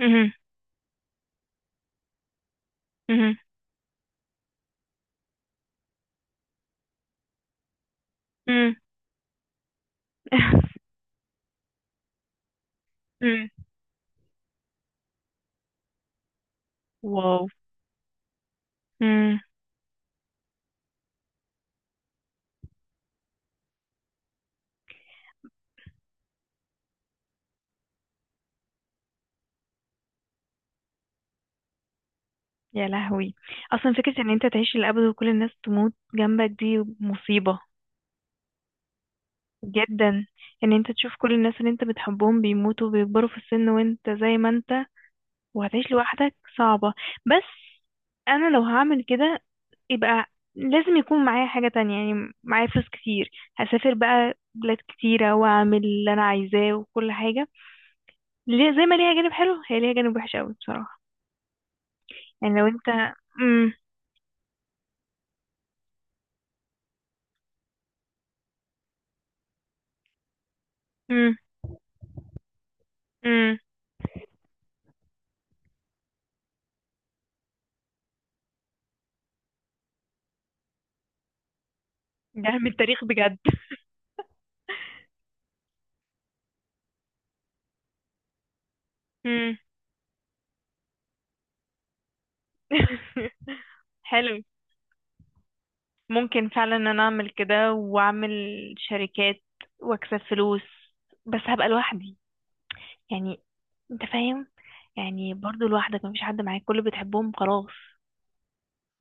مهم. مهم. مم. مم. واو. مم. يا لهوي. اصلا فكرة ان انت تعيش للابد وكل الناس تموت جنبك دي مصيبة. جدا. ان انت تشوف كل الناس اللي انت بتحبهم بيموتوا، بيكبروا في السن وانت زي ما انت، وهتعيش لوحدك صعبة. بس انا لو هعمل كده يبقى لازم يكون معايا حاجة تانية، يعني معايا فلوس كتير. هسافر بقى بلاد كتيرة واعمل اللي انا عايزاه وكل حاجة. زي ما ليها جانب حلو هي ليها جانب وحش قوي بصراحة. يعني لو انت. امم. امم. امم. ده من التاريخ بجد. امم. حلو. ممكن فعلا ان انا اعمل كده، واعمل شركات واكسب فلوس، بس هبقى لوحدي. يعني انت فاهم. يعني برضو لوحدك مفيش حد معاك، كل اللي بتحبهم خلاص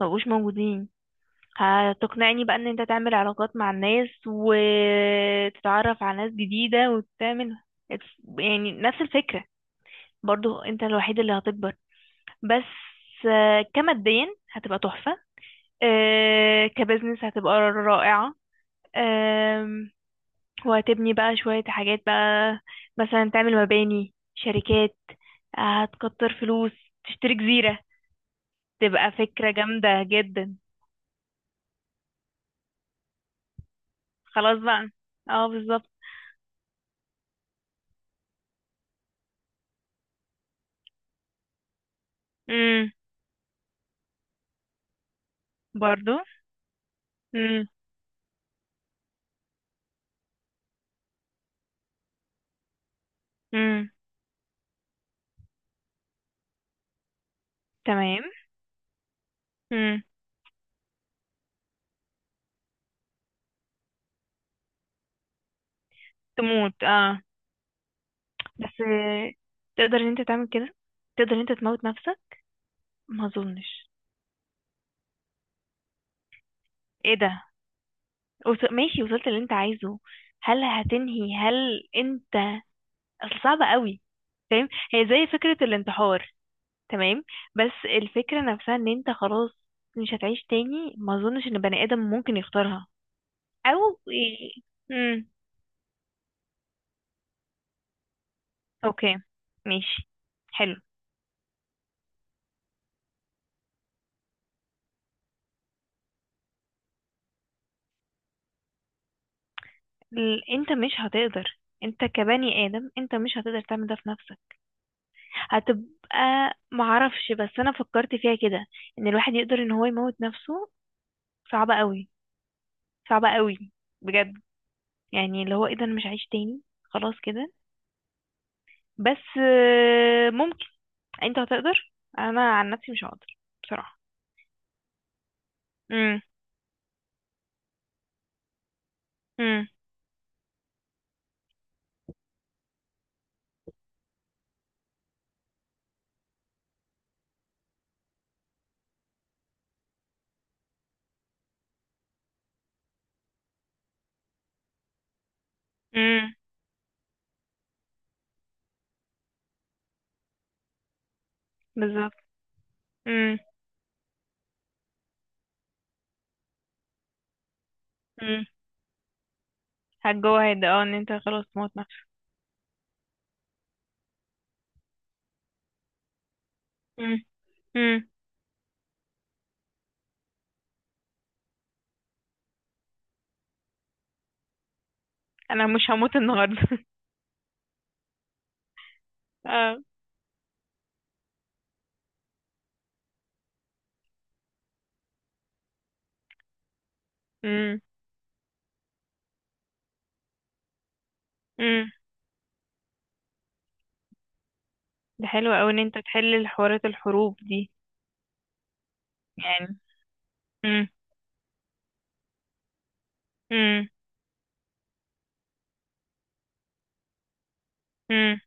مبقوش موجودين. هتقنعني بقى ان انت تعمل علاقات مع الناس وتتعرف على ناس جديدة وتعمل. يعني نفس الفكرة، برضو انت الوحيد اللي هتكبر. بس كماديا هتبقى تحفة. كبزنس هتبقى رائعة. آم، وهتبني بقى شوية حاجات بقى. مثلا تعمل مباني شركات. هتكتر فلوس. تشتري جزيرة. تبقى فكرة جامدة جدا. خلاص بقى. اه بالظبط. امم. برضو. امم. امم. تمام. امم. تموت اه. بس تقدر ان انت تعمل كده؟ تقدر ان انت تموت نفسك؟ ما اظنش. ايه ده. ماشي، وصلت اللي انت عايزه. هل انت. اصل صعبة قوي. فاهم. هي زي فكرة الانتحار. تمام. بس الفكرة نفسها ان انت خلاص مش هتعيش تاني. ما اظنش ان بني ادم ممكن يختارها. او. امم. اوكي. ماشي. حلو. انت مش هتقدر. انت كبني ادم انت مش هتقدر تعمل ده في نفسك. هتبقى. معرفش، بس انا فكرت فيها كده، ان الواحد يقدر ان هو يموت نفسه. صعبة قوي. صعبة قوي. بجد. يعني اللي هو ايه ده، انا مش هعيش تاني خلاص كده. بس ممكن. انت هتقدر، انا عن نفسي مش هقدر بصراحة. امم. امم. امم. بالظبط. امم. امم. هتجوعد اه، ان انت خلاص تموت نفسك. امم. امم. انا مش هموت النهارده. اه. امم. امم. ده حلو قوي ان انت تحل الحروب دي. يعني. امم. امم.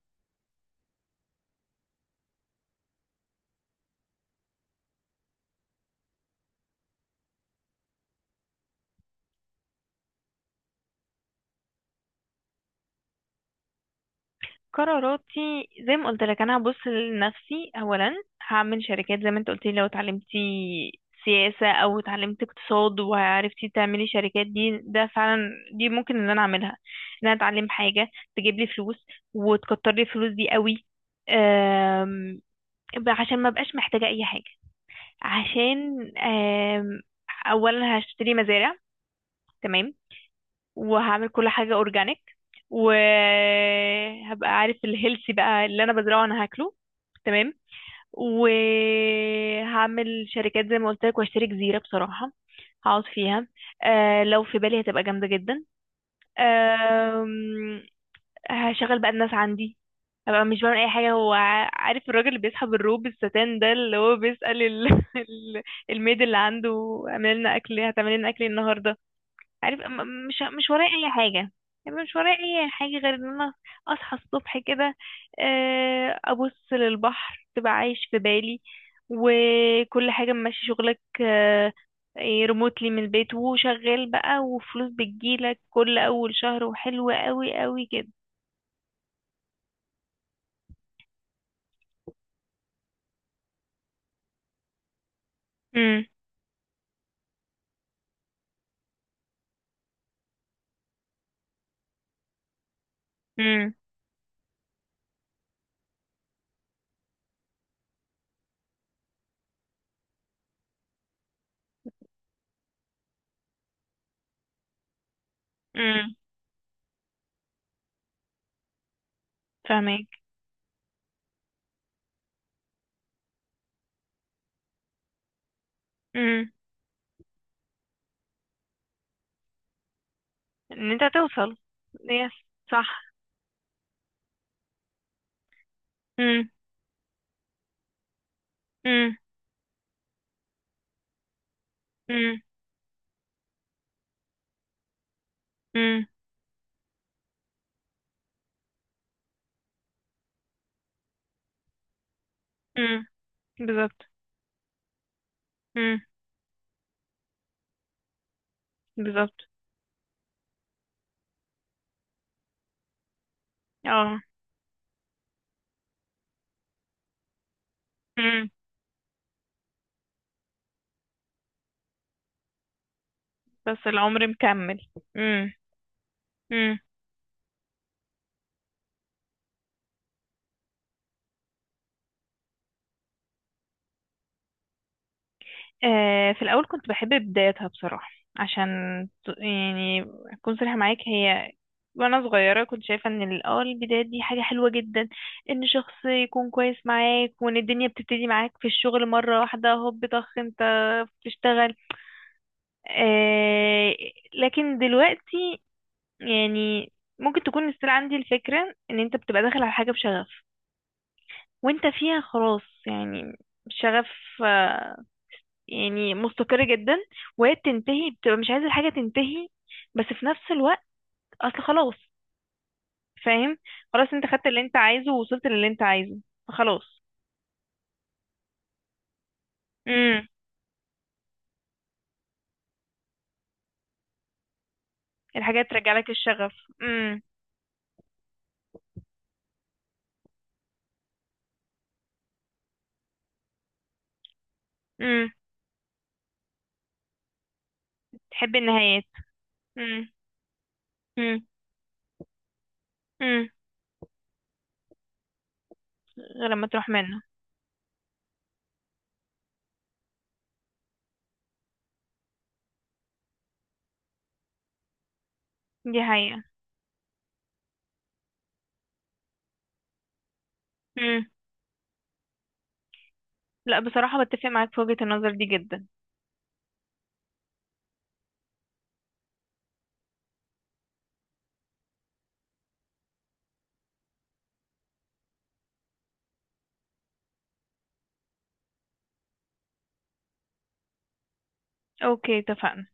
قراراتي زي ما قلت لك انا هبص لنفسي اولا. هعمل شركات زي ما انت قلت لي، لو اتعلمتي سياسة او اتعلمت اقتصاد وعرفتي تعملي شركات دي، ده فعلا دي ممكن ان انا اعملها. ان انا اتعلم حاجة تجيب لي فلوس وتكتر لي الفلوس دي قوي. أم، عشان ما بقاش محتاجة اي حاجة. عشان اولا هشتري مزارع. تمام. وهعمل كل حاجة اورجانيك. وهبقى عارف الهيلثي بقى اللي انا بزرعه انا هاكله. تمام. وهعمل شركات زي ما قلت لك واشتري جزيرة بصراحة، هقعد فيها. لو في بالي هتبقى جامدة جدا. أم، هشغل بقى الناس عندي. هبقى مش بعمل اي حاجة. هو عارف الراجل اللي بيسحب الروب الستان ده اللي هو بيسأل ال- الميد اللي عنده اعمل لنا اكل، هتعمل لنا اكل إيه النهاردة؟ عارف مش ورايا اي حاجه. يعني مش ورايا اي حاجه غير ان انا اصحى الصبح كده. ابص للبحر تبقى عايش في بالي. وكل حاجه ماشي شغلك ريموتلي من البيت، وشغال بقى وفلوس بتجيلك كل اول شهر، وحلوه قوي قوي كده. امم. امم. امم. فاهمك. امم. ان انت توصل. يس. صح. امم. امم. امم. امم. امم. بالظبط. امم. بالظبط. اه. امم. بس العمر مكمل. امم. امم. في الاول كنت بحب بدايتها بصراحه، عشان يعني اكون صريحه معاك، هي وانا صغيره كنت شايفه ان البدايه دي حاجه حلوه جدا. ان شخص يكون كويس معاك، وان الدنيا بتبتدي معاك في الشغل مره واحده هوب طخ انت بتشتغل. آه لكن دلوقتي، يعني ممكن تكون لسه عندي الفكره ان انت بتبقى داخل على حاجه بشغف، وانت فيها خلاص يعني. شغف. آه، يعني مستقر جدا، وهي بتنتهي بتبقى مش عايز الحاجة تنتهي. بس في نفس الوقت اصل خلاص. فاهم. خلاص انت خدت اللي انت عايزه ووصلت للي انت عايزه فخلاص. امم. الحاجات ترجع لك الشغف. امم. امم. تحب النهايات. امم. امم. امم. غير لما تروح منه. دي حقيقة. امم. لا بصراحة بتفق معاك في وجهة النظر دي جدا. اوكي. اتفقنا.